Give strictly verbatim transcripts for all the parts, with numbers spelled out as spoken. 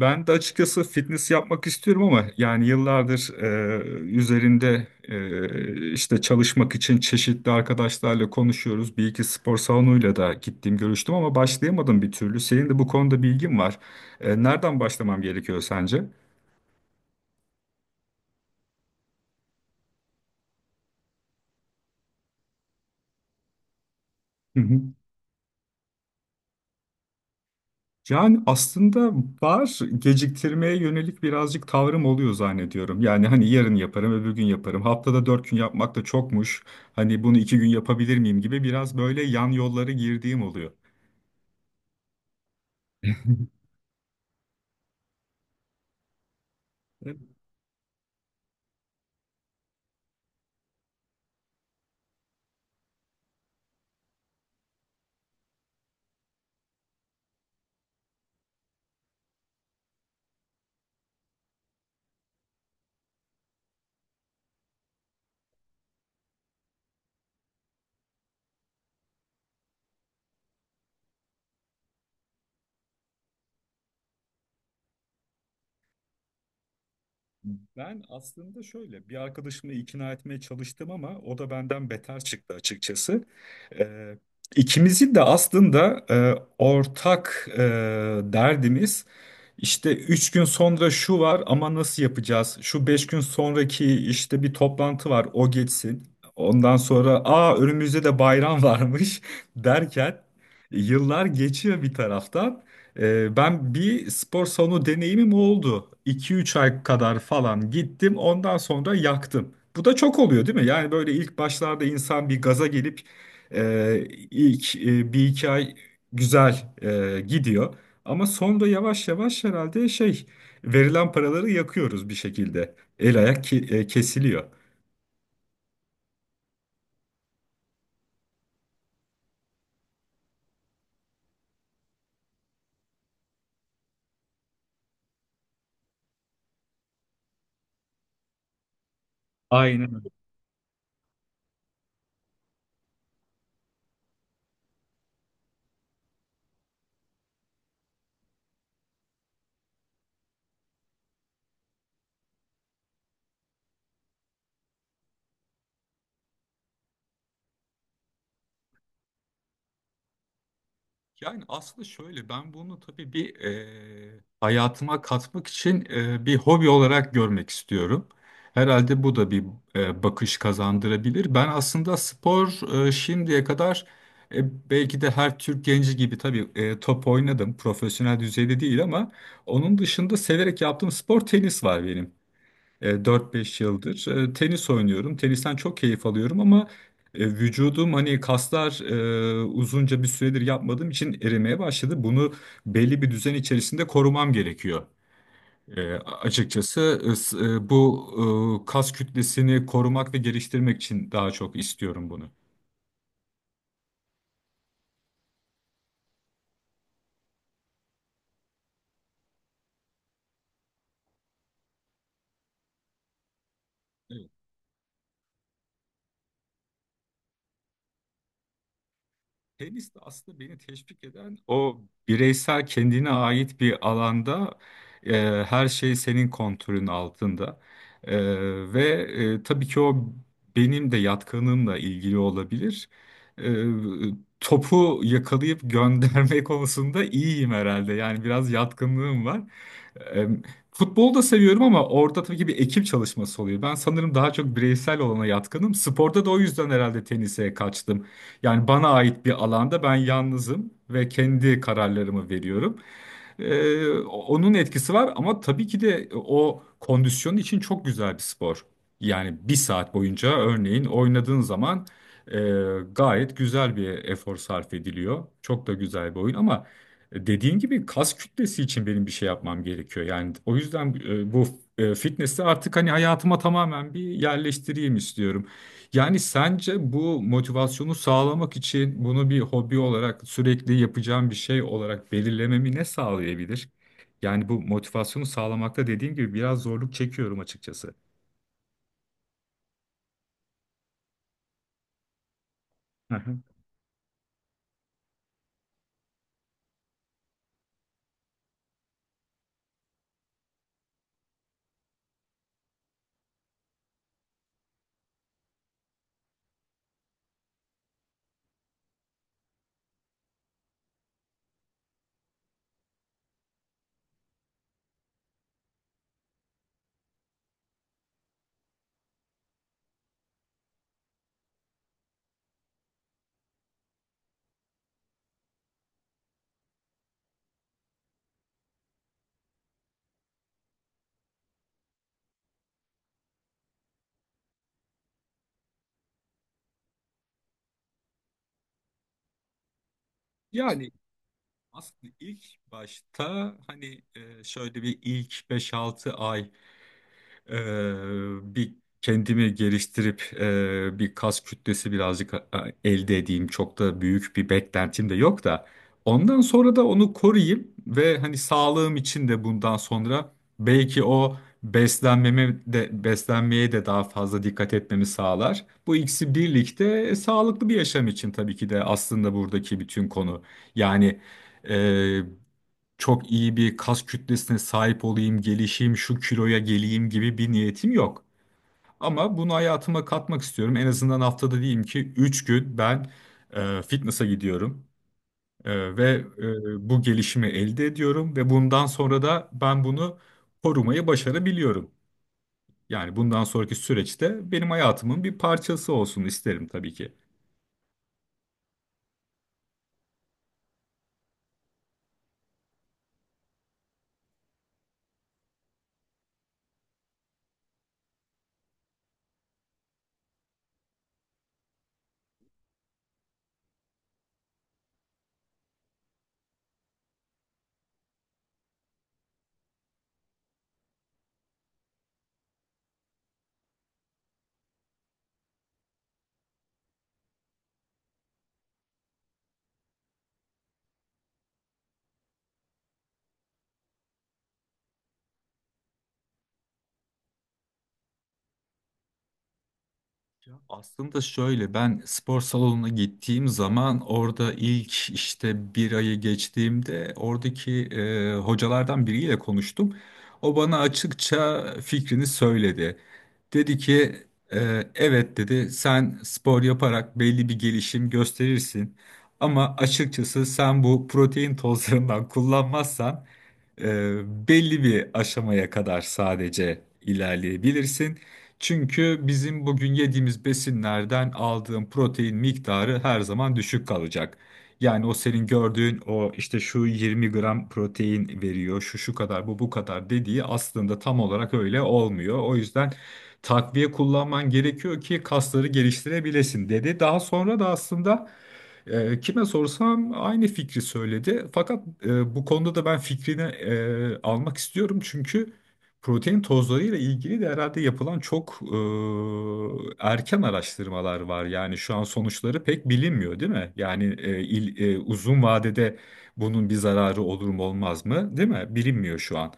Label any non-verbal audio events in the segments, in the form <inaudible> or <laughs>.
Ben de açıkçası fitness yapmak istiyorum ama yani yıllardır e, üzerinde e, işte çalışmak için çeşitli arkadaşlarla konuşuyoruz. Bir iki spor salonuyla da gittim görüştüm ama başlayamadım bir türlü. Senin de bu konuda bilgin var. E, nereden başlamam gerekiyor sence? Hı hı. Yani aslında var geciktirmeye yönelik birazcık tavrım oluyor zannediyorum. Yani hani yarın yaparım, öbür gün yaparım. Haftada dört gün yapmak da çokmuş. Hani bunu iki gün yapabilir miyim gibi biraz böyle yan yollara girdiğim oluyor. <laughs> Ben aslında şöyle bir arkadaşımla ikna etmeye çalıştım ama o da benden beter çıktı açıkçası. Ee, ikimizin de aslında e, ortak e, derdimiz işte üç gün sonra şu var ama nasıl yapacağız? Şu beş gün sonraki işte bir toplantı var o geçsin. Ondan sonra aa önümüzde de bayram varmış <laughs> derken yıllar geçiyor bir taraftan. Ee, ben bir spor salonu deneyimim oldu. iki üç ay kadar falan gittim. Ondan sonra yaktım. Bu da çok oluyor değil mi? Yani böyle ilk başlarda insan bir gaza gelip e, ilk e, bir iki ay güzel e, gidiyor. Ama sonra yavaş yavaş herhalde şey verilen paraları yakıyoruz bir şekilde. El ayak ke- e, kesiliyor. Aynen. Yani aslında şöyle ben bunu tabii bir eee, hayatıma katmak için eee, bir hobi olarak görmek istiyorum. Herhalde bu da bir eee, bakış kazandırabilir. Ben aslında spor eee, şimdiye kadar e, belki de her Türk genci gibi tabii eee, top oynadım. Profesyonel düzeyde değil ama onun dışında severek yaptığım spor tenis var benim. E, dört beş yıldır e, tenis oynuyorum. Tenisten çok keyif alıyorum ama e, vücudum hani kaslar e, uzunca bir süredir yapmadığım için erimeye başladı. Bunu belli bir düzen içerisinde korumam gerekiyor. E, açıkçası e, s- e, bu e, kas kütlesini korumak ve geliştirmek için daha çok istiyorum bunu. Tenis de aslında beni teşvik eden o bireysel kendine ait bir alanda e, her şey senin kontrolün altında. E, ve e, tabii ki o benim de yatkınlığımla ilgili olabilir. E, Topu yakalayıp gönderme <laughs> konusunda iyiyim herhalde. Yani biraz yatkınlığım var. E, Futbolu da seviyorum ama orada tabii ki bir ekip çalışması oluyor. Ben sanırım daha çok bireysel olana yatkınım. Sporda da o yüzden herhalde tenise kaçtım. Yani bana ait bir alanda ben yalnızım ve kendi kararlarımı veriyorum. E, onun etkisi var ama tabii ki de o kondisyon için çok güzel bir spor. Yani bir saat boyunca örneğin oynadığın zaman e, gayet güzel bir efor sarf ediliyor. Çok da güzel bir oyun ama e, dediğin gibi kas kütlesi için benim bir şey yapmam gerekiyor. Yani o yüzden e, bu e, fitness'i artık hani hayatıma tamamen bir yerleştireyim istiyorum. Yani sence bu motivasyonu sağlamak için bunu bir hobi olarak sürekli yapacağım bir şey olarak belirlememi ne sağlayabilir? Yani bu motivasyonu sağlamakta dediğim gibi biraz zorluk çekiyorum açıkçası. Hı hı. Yani aslında ilk başta hani e, şöyle bir ilk beş altı ay Ee, bir kendimi geliştirip e, bir kas kütlesi birazcık e, elde edeyim. Çok da büyük bir beklentim de yok da. Ondan sonra da onu koruyayım ve hani sağlığım için de bundan sonra belki o beslenmeme de beslenmeye de daha fazla dikkat etmemi sağlar. Bu ikisi birlikte e, sağlıklı bir yaşam için tabii ki de aslında buradaki bütün konu. Yani çok iyi bir kas kütlesine sahip olayım, gelişeyim, şu kiloya geleyim gibi bir niyetim yok. Ama bunu hayatıma katmak istiyorum. En azından haftada diyeyim ki üç gün ben e, fitness'a gidiyorum E, ve e, bu gelişimi elde ediyorum ve bundan sonra da ben bunu korumayı başarabiliyorum. Yani bundan sonraki süreçte benim hayatımın bir parçası olsun isterim tabii ki. Aslında şöyle ben spor salonuna gittiğim zaman orada ilk işte bir ayı geçtiğimde oradaki e, hocalardan biriyle konuştum. O bana açıkça fikrini söyledi. Dedi ki "E, Evet dedi sen spor yaparak belli bir gelişim gösterirsin. Ama açıkçası sen bu protein tozlarından kullanmazsan e, belli bir aşamaya kadar sadece ilerleyebilirsin. Çünkü bizim bugün yediğimiz besinlerden aldığın protein miktarı her zaman düşük kalacak. Yani o senin gördüğün o işte şu yirmi gram protein veriyor, şu şu kadar, bu bu kadar dediği aslında tam olarak öyle olmuyor. O yüzden takviye kullanman gerekiyor ki kasları geliştirebilesin dedi. Daha sonra da aslında e, kime sorsam aynı fikri söyledi. Fakat e, bu konuda da ben fikrini e, almak istiyorum çünkü Protein tozlarıyla ilgili de herhalde yapılan çok e, erken araştırmalar var. Yani şu an sonuçları pek bilinmiyor, değil mi? Yani e, il- e, uzun vadede bunun bir zararı olur mu olmaz mı, değil mi? Bilinmiyor şu an.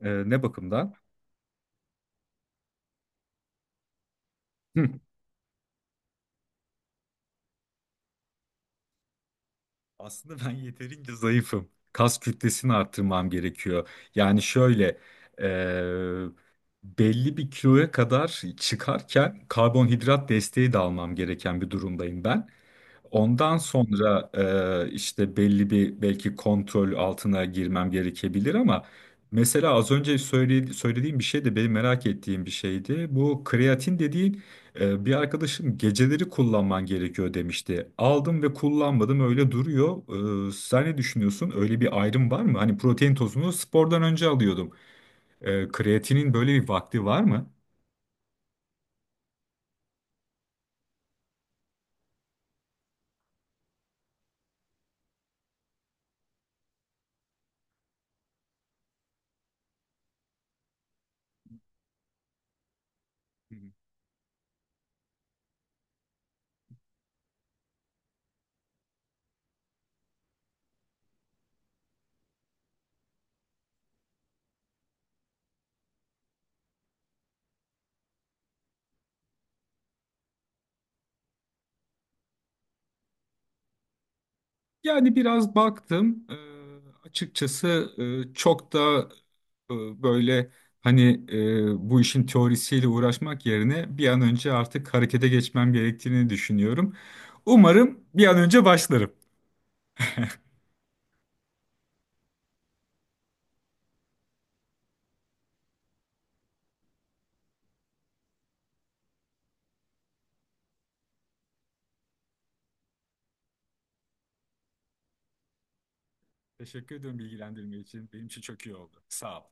E, ne bakımdan? Hı. Aslında ben yeterince zayıfım. Kas kütlesini arttırmam gerekiyor. Yani şöyle e, belli bir kiloya kadar çıkarken karbonhidrat desteği de almam gereken bir durumdayım ben. Ondan sonra e, işte belli bir belki kontrol altına girmem gerekebilir ama mesela az önce söyle- söylediğim bir şey de benim merak ettiğim bir şeydi. Bu kreatin dediğin e, bir arkadaşım geceleri kullanman gerekiyor demişti. Aldım ve kullanmadım öyle duruyor. E, sen ne düşünüyorsun? Öyle bir ayrım var mı? Hani protein tozunu spordan önce alıyordum. E, kreatinin böyle bir vakti var mı? Yani biraz baktım, Eee, açıkçası eee, çok da eee, böyle hani eee, bu işin teorisiyle uğraşmak yerine bir an önce artık harekete geçmem gerektiğini düşünüyorum. Umarım bir an önce başlarım. Teşekkür ederim bilgilendirme için. Benim için çok iyi oldu. Sağ ol.